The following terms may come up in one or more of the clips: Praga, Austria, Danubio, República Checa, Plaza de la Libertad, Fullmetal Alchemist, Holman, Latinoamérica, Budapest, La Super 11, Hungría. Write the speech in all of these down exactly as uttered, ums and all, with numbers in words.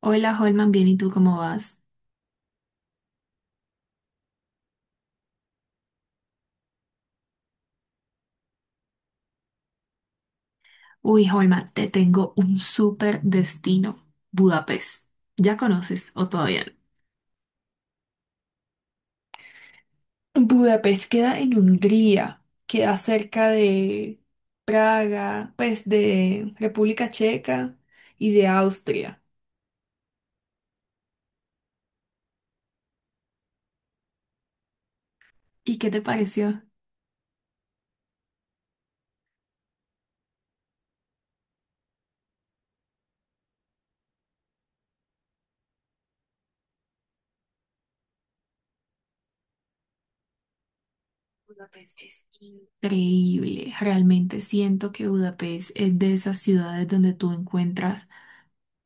Hola Holman, bien, ¿y tú cómo vas? Uy, Holman, te tengo un súper destino, Budapest. ¿Ya conoces o todavía no? Budapest queda en Hungría, queda cerca de Praga, pues de República Checa y de Austria. ¿Y qué te pareció? Budapest es increíble. Realmente siento que Budapest es de esas ciudades donde tú encuentras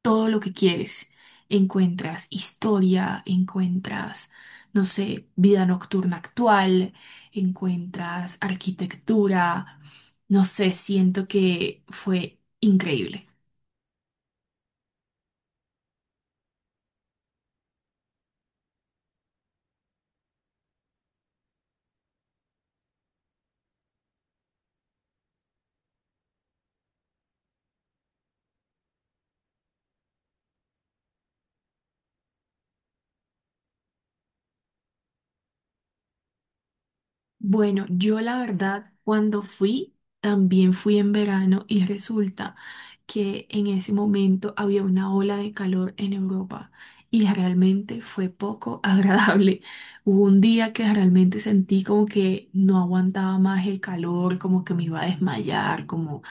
todo lo que quieres. Encuentras historia, encuentras, no sé, vida nocturna actual, encuentras arquitectura, no sé, siento que fue increíble. Bueno, yo la verdad, cuando fui, también fui en verano y resulta que en ese momento había una ola de calor en Europa y realmente fue poco agradable. Hubo un día que realmente sentí como que no aguantaba más el calor, como que me iba a desmayar, como,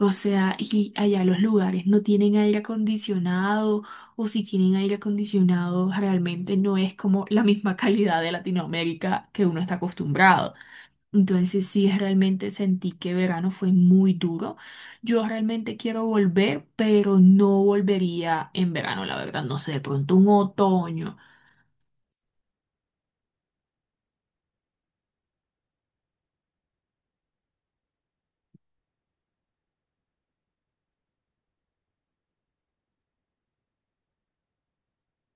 o sea, y allá los lugares no tienen aire acondicionado o si tienen aire acondicionado realmente no es como la misma calidad de Latinoamérica que uno está acostumbrado. Entonces sí, realmente sentí que verano fue muy duro. Yo realmente quiero volver, pero no volvería en verano, la verdad. No sé, de pronto un otoño.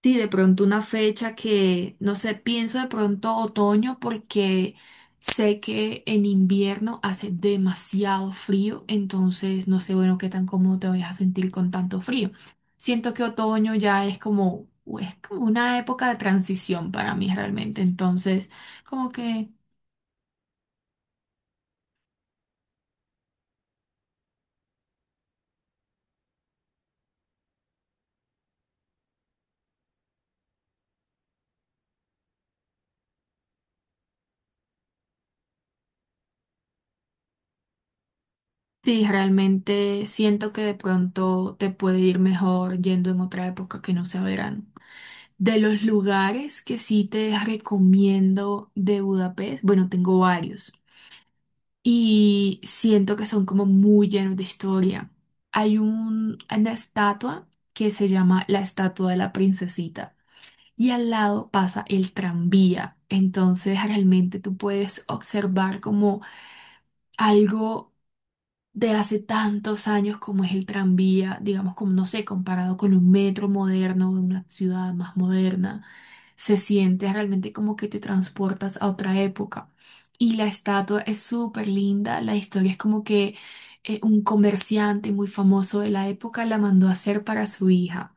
Sí, de pronto una fecha que, no sé, pienso de pronto otoño porque sé que en invierno hace demasiado frío, entonces no sé, bueno, qué tan cómodo te vayas a sentir con tanto frío. Siento que otoño ya es como, es como una época de transición para mí realmente, entonces como que sí, realmente siento que de pronto te puede ir mejor yendo en otra época que no sea verano. De los lugares que sí te recomiendo de Budapest, bueno, tengo varios y siento que son como muy llenos de historia. Hay un, una estatua que se llama la estatua de la princesita y al lado pasa el tranvía. Entonces realmente tú puedes observar como algo de hace tantos años como es el tranvía, digamos, como no sé, comparado con un metro moderno de una ciudad más moderna, se siente realmente como que te transportas a otra época. Y la estatua es súper linda, la historia es como que eh, un comerciante muy famoso de la época la mandó a hacer para su hija.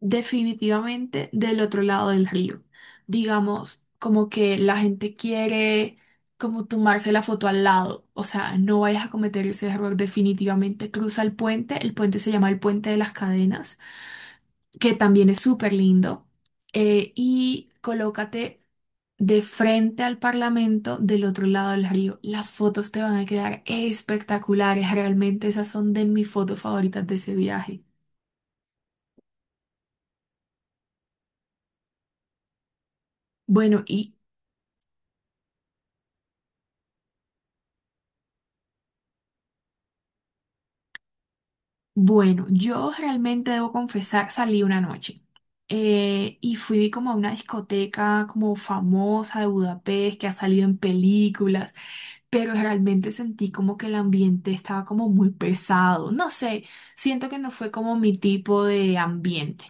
Definitivamente del otro lado del río. Digamos, como que la gente quiere como tomarse la foto al lado. O sea, no vayas a cometer ese error. Definitivamente cruza el puente. El puente se llama el Puente de las Cadenas, que también es súper lindo. Eh, y colócate de frente al Parlamento del otro lado del río. Las fotos te van a quedar espectaculares. Realmente esas son de mis fotos favoritas de ese viaje. Bueno, y bueno, yo realmente debo confesar, salí una noche eh, y fui como a una discoteca como famosa de Budapest que ha salido en películas, pero realmente sentí como que el ambiente estaba como muy pesado. No sé, siento que no fue como mi tipo de ambiente.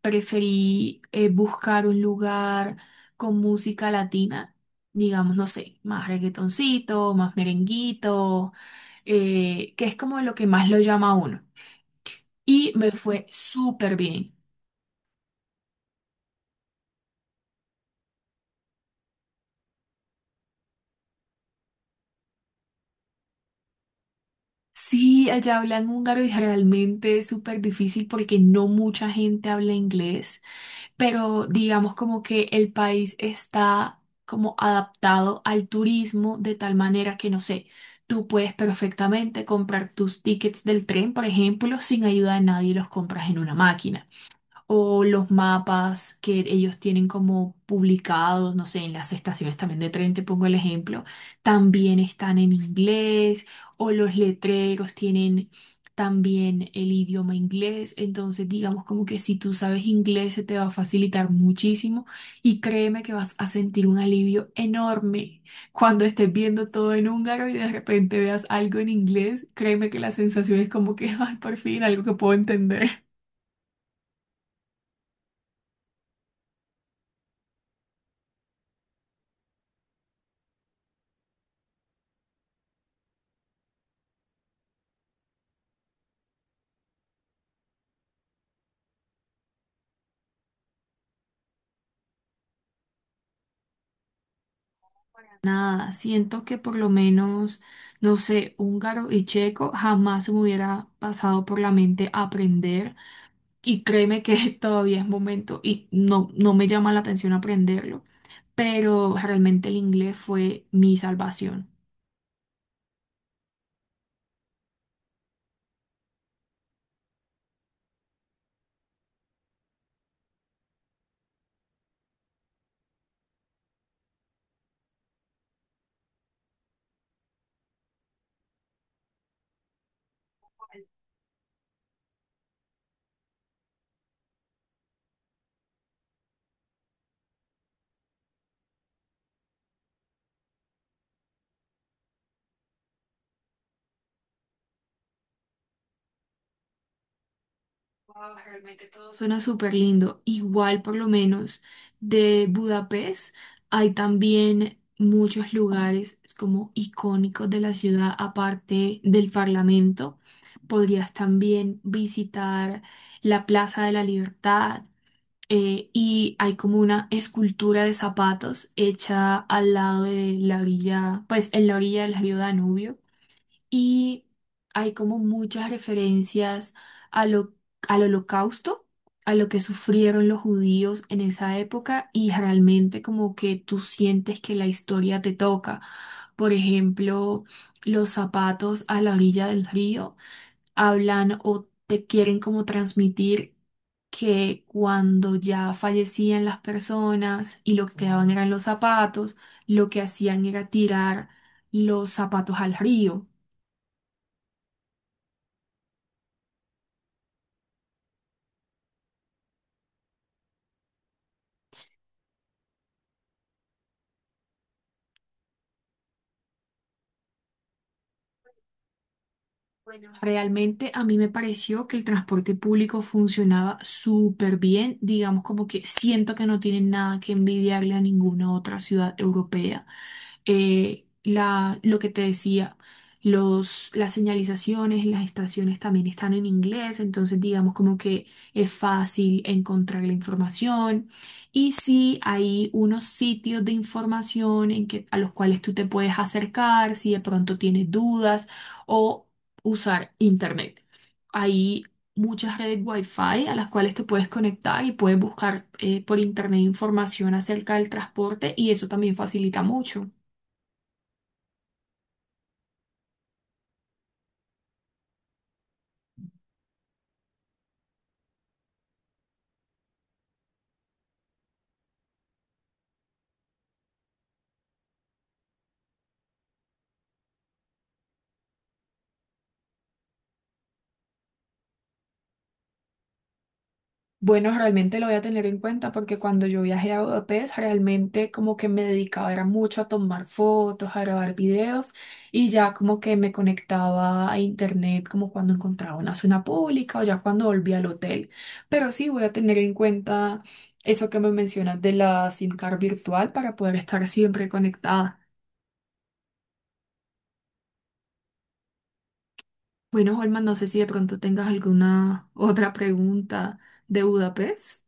Preferí eh, buscar un lugar con música latina, digamos, no sé, más reggaetoncito, más merenguito, eh, que es como lo que más lo llama a uno y me fue súper bien. Sí, allá hablan húngaro y realmente es súper difícil porque no mucha gente habla inglés, pero digamos como que el país está como adaptado al turismo de tal manera que no sé, tú puedes perfectamente comprar tus tickets del tren, por ejemplo, sin ayuda de nadie, los compras en una máquina. O los mapas que ellos tienen como publicados, no sé, en las estaciones también de tren, te pongo el ejemplo, también están en inglés, o los letreros tienen también el idioma inglés, entonces digamos como que si tú sabes inglés se te va a facilitar muchísimo y créeme que vas a sentir un alivio enorme. Cuando estés viendo todo en húngaro y de repente veas algo en inglés, créeme que la sensación es como que, ay, por fin, algo que puedo entender. Nada, siento que por lo menos, no sé, húngaro y checo jamás se me hubiera pasado por la mente aprender y créeme que todavía es momento y no, no me llama la atención aprenderlo, pero realmente el inglés fue mi salvación. Wow, realmente todo suena súper lindo. Igual, por lo menos, de Budapest hay también muchos lugares como icónicos de la ciudad, aparte del Parlamento. Podrías también visitar la Plaza de la Libertad eh, y hay como una escultura de zapatos hecha al lado de la orilla, pues en la orilla del río Danubio y hay como muchas referencias a lo- al holocausto, a lo que sufrieron los judíos en esa época y realmente como que tú sientes que la historia te toca. Por ejemplo, los zapatos a la orilla del río hablan o te quieren como transmitir que cuando ya fallecían las personas y lo que quedaban eran los zapatos, lo que hacían era tirar los zapatos al río. Bueno, realmente a mí me pareció que el transporte público funcionaba súper bien, digamos como que siento que no tienen nada que envidiarle a ninguna otra ciudad europea. Eh, la, lo que te decía, los, las señalizaciones, las estaciones también están en inglés, entonces digamos como que es fácil encontrar la información. Y sí, hay unos sitios de información en que, a los cuales tú te puedes acercar si de pronto tienes dudas o usar internet. Hay muchas redes Wi-Fi a las cuales te puedes conectar y puedes buscar eh, por internet información acerca del transporte y eso también facilita mucho. Bueno, realmente lo voy a tener en cuenta porque cuando yo viajé a Budapest, realmente como que me dedicaba era mucho a tomar fotos, a grabar videos y ya como que me conectaba a internet como cuando encontraba una zona pública o ya cuando volví al hotel. Pero sí voy a tener en cuenta eso que me mencionas de la SIM card virtual para poder estar siempre conectada. Bueno, Holman, no sé si de pronto tengas alguna otra pregunta de Budapest.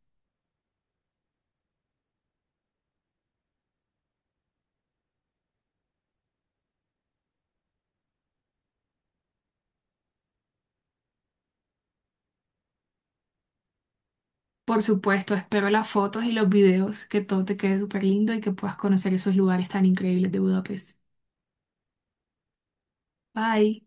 Por supuesto, espero las fotos y los videos, que todo te quede súper lindo y que puedas conocer esos lugares tan increíbles de Budapest. Bye.